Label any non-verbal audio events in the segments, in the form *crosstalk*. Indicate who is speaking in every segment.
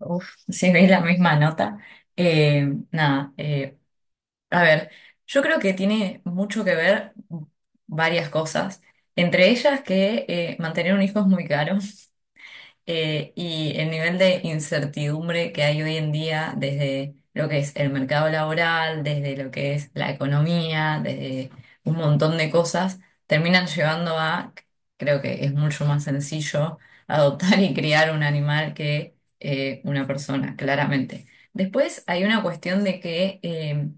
Speaker 1: Uf, si veis la misma nota. Eh, nada, a ver, yo creo que tiene mucho que ver varias cosas. Entre ellas que mantener un hijo es muy caro, y el nivel de incertidumbre que hay hoy en día desde lo que es el mercado laboral, desde lo que es la economía, desde un montón de cosas, terminan llevando a, creo que es mucho más sencillo *laughs* adoptar y criar un animal que una persona, claramente. Después hay una cuestión de que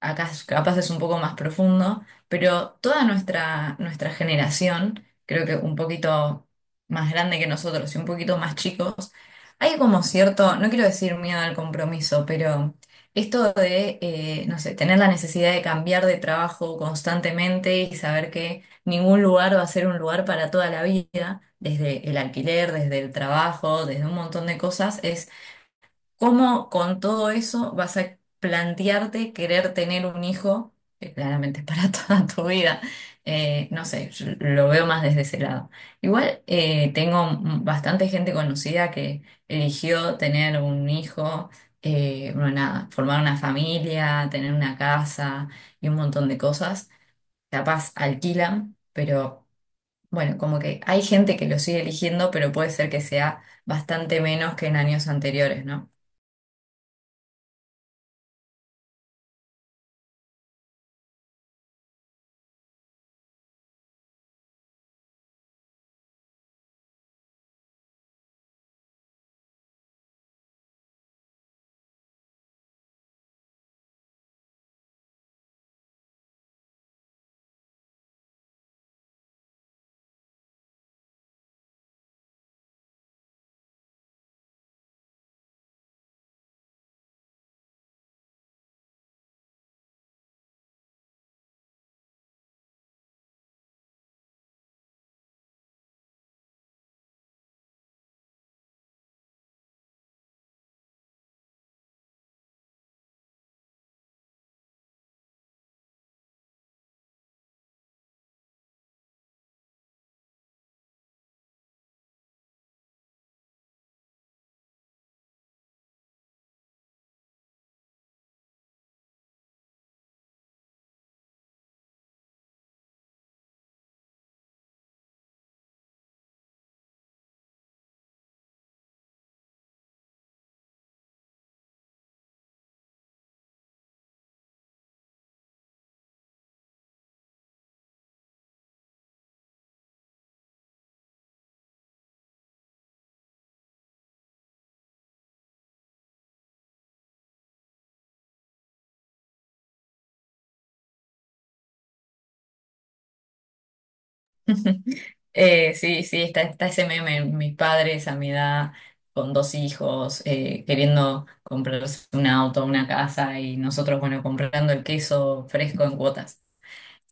Speaker 1: acá capaz es un poco más profundo, pero toda nuestra generación, creo que un poquito más grande que nosotros y un poquito más chicos, hay como cierto, no quiero decir miedo al compromiso, pero esto de, no sé, tener la necesidad de cambiar de trabajo constantemente y saber que ningún lugar va a ser un lugar para toda la vida, desde el alquiler, desde el trabajo, desde un montón de cosas. ¿Cómo con todo eso vas a plantearte querer tener un hijo, que claramente es para *laughs* toda tu vida? No sé, yo lo veo más desde ese lado. Igual tengo bastante gente conocida que eligió tener un hijo, bueno, nada, formar una familia, tener una casa y un montón de cosas. Capaz alquilan, pero bueno, como que hay gente que lo sigue eligiendo, pero puede ser que sea bastante menos que en años anteriores, ¿no? *laughs* Sí, sí, está ese meme, mis padres a mi edad, con dos hijos, queriendo comprarse un auto, una casa y nosotros, bueno, comprando el queso fresco en cuotas.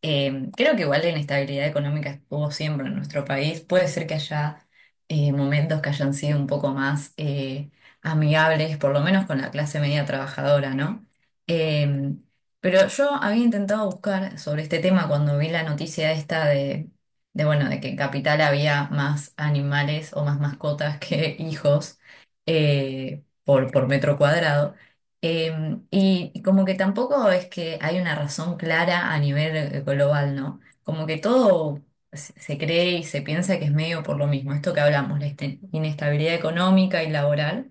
Speaker 1: Creo que igual la inestabilidad económica estuvo siempre en nuestro país. Puede ser que haya momentos que hayan sido un poco más amigables, por lo menos con la clase media trabajadora, ¿no? Eh, pero yo había intentado buscar sobre este tema cuando vi la noticia esta bueno, de que en Capital había más animales o más mascotas que *laughs* hijos, por metro cuadrado. Y como que tampoco es que hay una razón clara a nivel global, ¿no? Como que todo se cree y se piensa que es medio por lo mismo, esto que hablamos, la inestabilidad económica y laboral,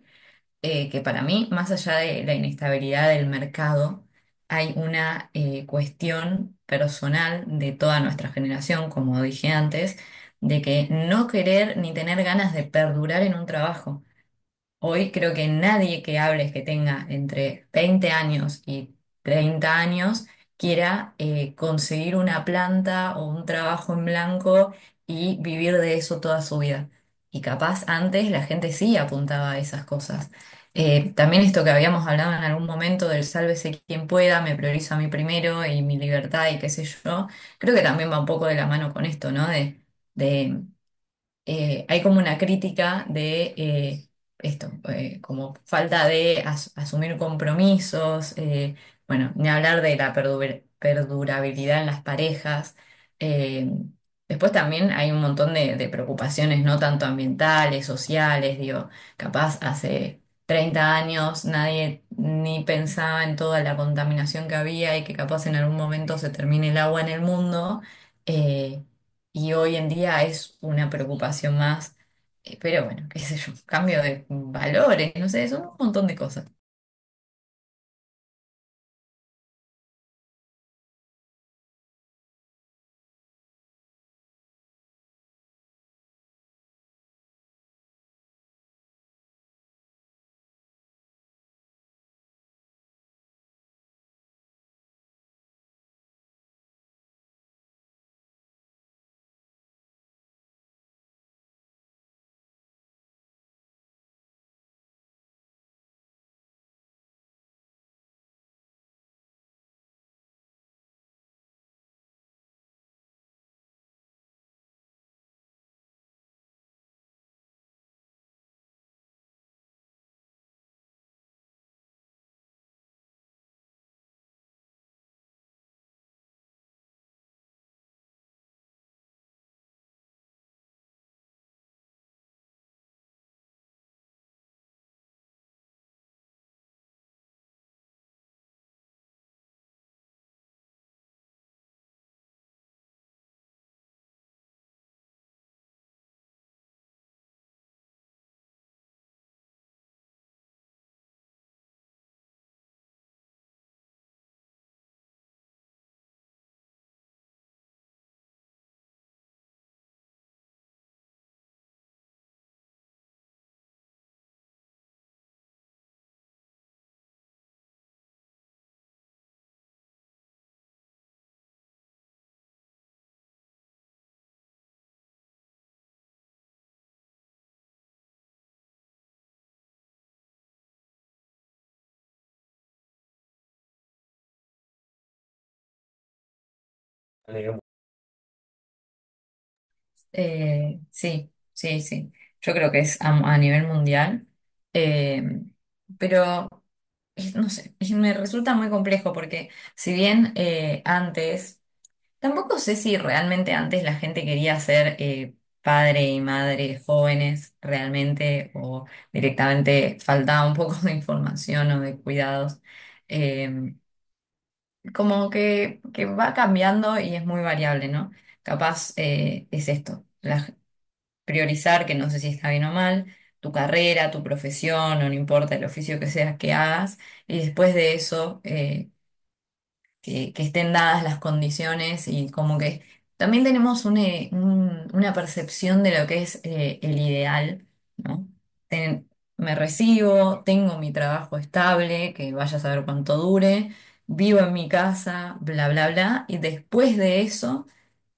Speaker 1: que para mí, más allá de la inestabilidad del mercado, hay una cuestión personal de toda nuestra generación, como dije antes, de que no querer ni tener ganas de perdurar en un trabajo. Hoy creo que nadie que hables que tenga entre 20 años y 30 años quiera conseguir una planta o un trabajo en blanco y vivir de eso toda su vida. Y capaz antes la gente sí apuntaba a esas cosas. También esto que habíamos hablado en algún momento del sálvese quien pueda, me priorizo a mí primero y mi libertad y qué sé yo, creo que también va un poco de la mano con esto, ¿no? De hay como una crítica de esto, como falta de asumir compromisos, bueno, ni hablar de la perdurabilidad en las parejas. eh, Después también hay un montón de preocupaciones, no tanto ambientales, sociales, digo, capaz hace 30 años nadie ni pensaba en toda la contaminación que había y que capaz en algún momento se termine el agua en el mundo. eh, y hoy en día es una preocupación más. Pero bueno, qué sé yo, *laughs* cambio de valores, no sé, son un montón de cosas. A nivel Sí, sí, sí. Yo creo que es a nivel mundial. Eh, pero, no sé, me resulta muy complejo porque si bien antes... Tampoco sé si realmente antes la gente quería ser padre y madre jóvenes realmente o directamente faltaba un poco de información o de cuidados. Eh, como que va cambiando y es muy variable, ¿no? Capaz es esto, priorizar, que no sé si está bien o mal, tu carrera, tu profesión, o no importa el oficio que seas que hagas, y después de eso, que estén dadas las condiciones y como que también tenemos una percepción de lo que es el ideal, ¿no? Ten- me recibo, tengo mi trabajo estable, que vaya a saber cuánto dure, vivo en mi casa, bla, bla, bla, y después de eso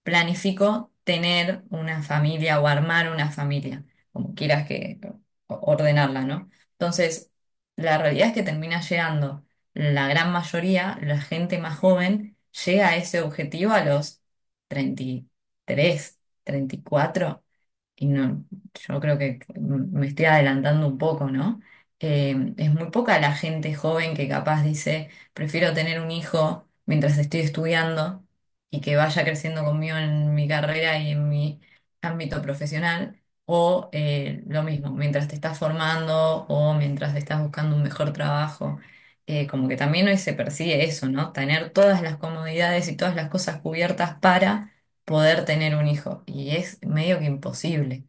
Speaker 1: planifico tener una familia o armar una familia, como quieras que ordenarla, ¿no? Entonces, la realidad es que termina llegando la gran mayoría, la gente más joven, llega a ese objetivo a los 30, 33, 34, y no, yo creo que me estoy adelantando un poco, ¿no? Es muy poca la gente joven que capaz dice, prefiero tener un hijo mientras estoy estudiando y que vaya creciendo conmigo en mi carrera y en mi ámbito profesional, o lo mismo, mientras te estás formando o mientras estás buscando un mejor trabajo. Como que también hoy se persigue eso, ¿no? Tener todas las comodidades y todas las cosas cubiertas para poder tener un hijo. Y es medio que imposible.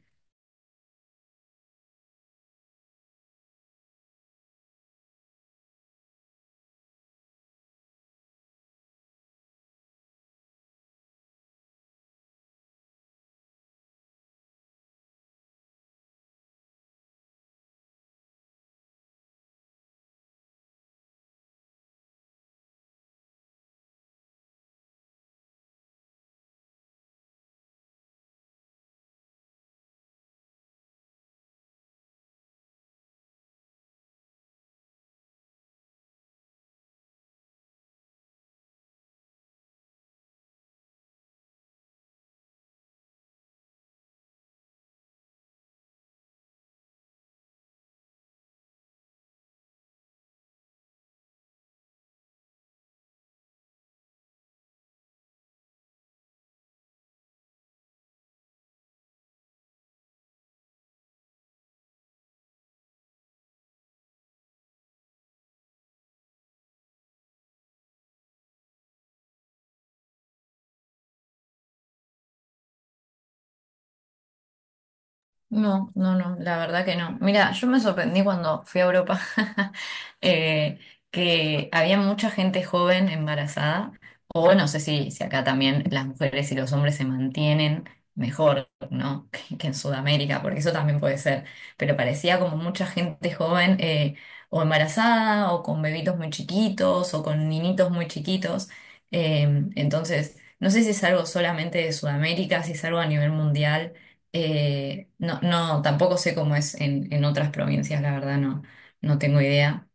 Speaker 1: No, no, no, la verdad que no. Mira, yo me sorprendí cuando fui a Europa, *laughs* eh, que había mucha gente joven embarazada, o no sé si acá también las mujeres y los hombres se mantienen mejor, ¿no? *laughs* Que en Sudamérica, porque eso también puede ser, pero parecía como mucha gente joven o embarazada, o con bebitos muy chiquitos, o con niñitos muy chiquitos. Eh, entonces, no sé si es algo solamente de Sudamérica, si es algo a nivel mundial. No, no, tampoco sé cómo es en otras provincias, la verdad, no, no tengo idea.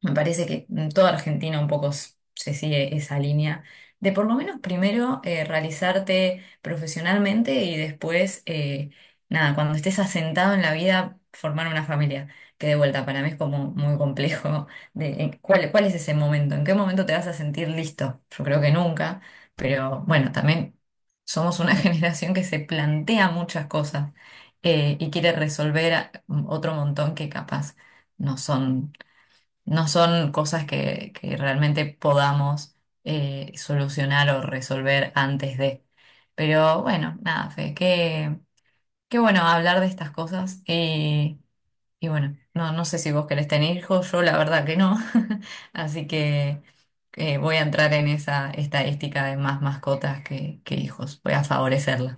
Speaker 1: Me parece que en toda Argentina un poco se sigue esa línea de por lo menos primero realizarte profesionalmente y después, nada, cuando estés asentado en la vida, formar una familia. Que de vuelta para mí es como muy complejo de en cuál es ese momento, en qué momento te vas a sentir listo. Yo creo que nunca, pero bueno, también somos una *laughs* generación que se plantea muchas cosas, y quiere resolver otro montón que capaz no son no son cosas que realmente podamos solucionar o resolver antes de. Pero bueno, nada, Fe, qué bueno hablar de estas cosas, y bueno, no, no sé si vos querés tener hijos, yo la verdad que no, *laughs* así que voy a entrar en esa estadística de más mascotas que hijos, voy a favorecerla.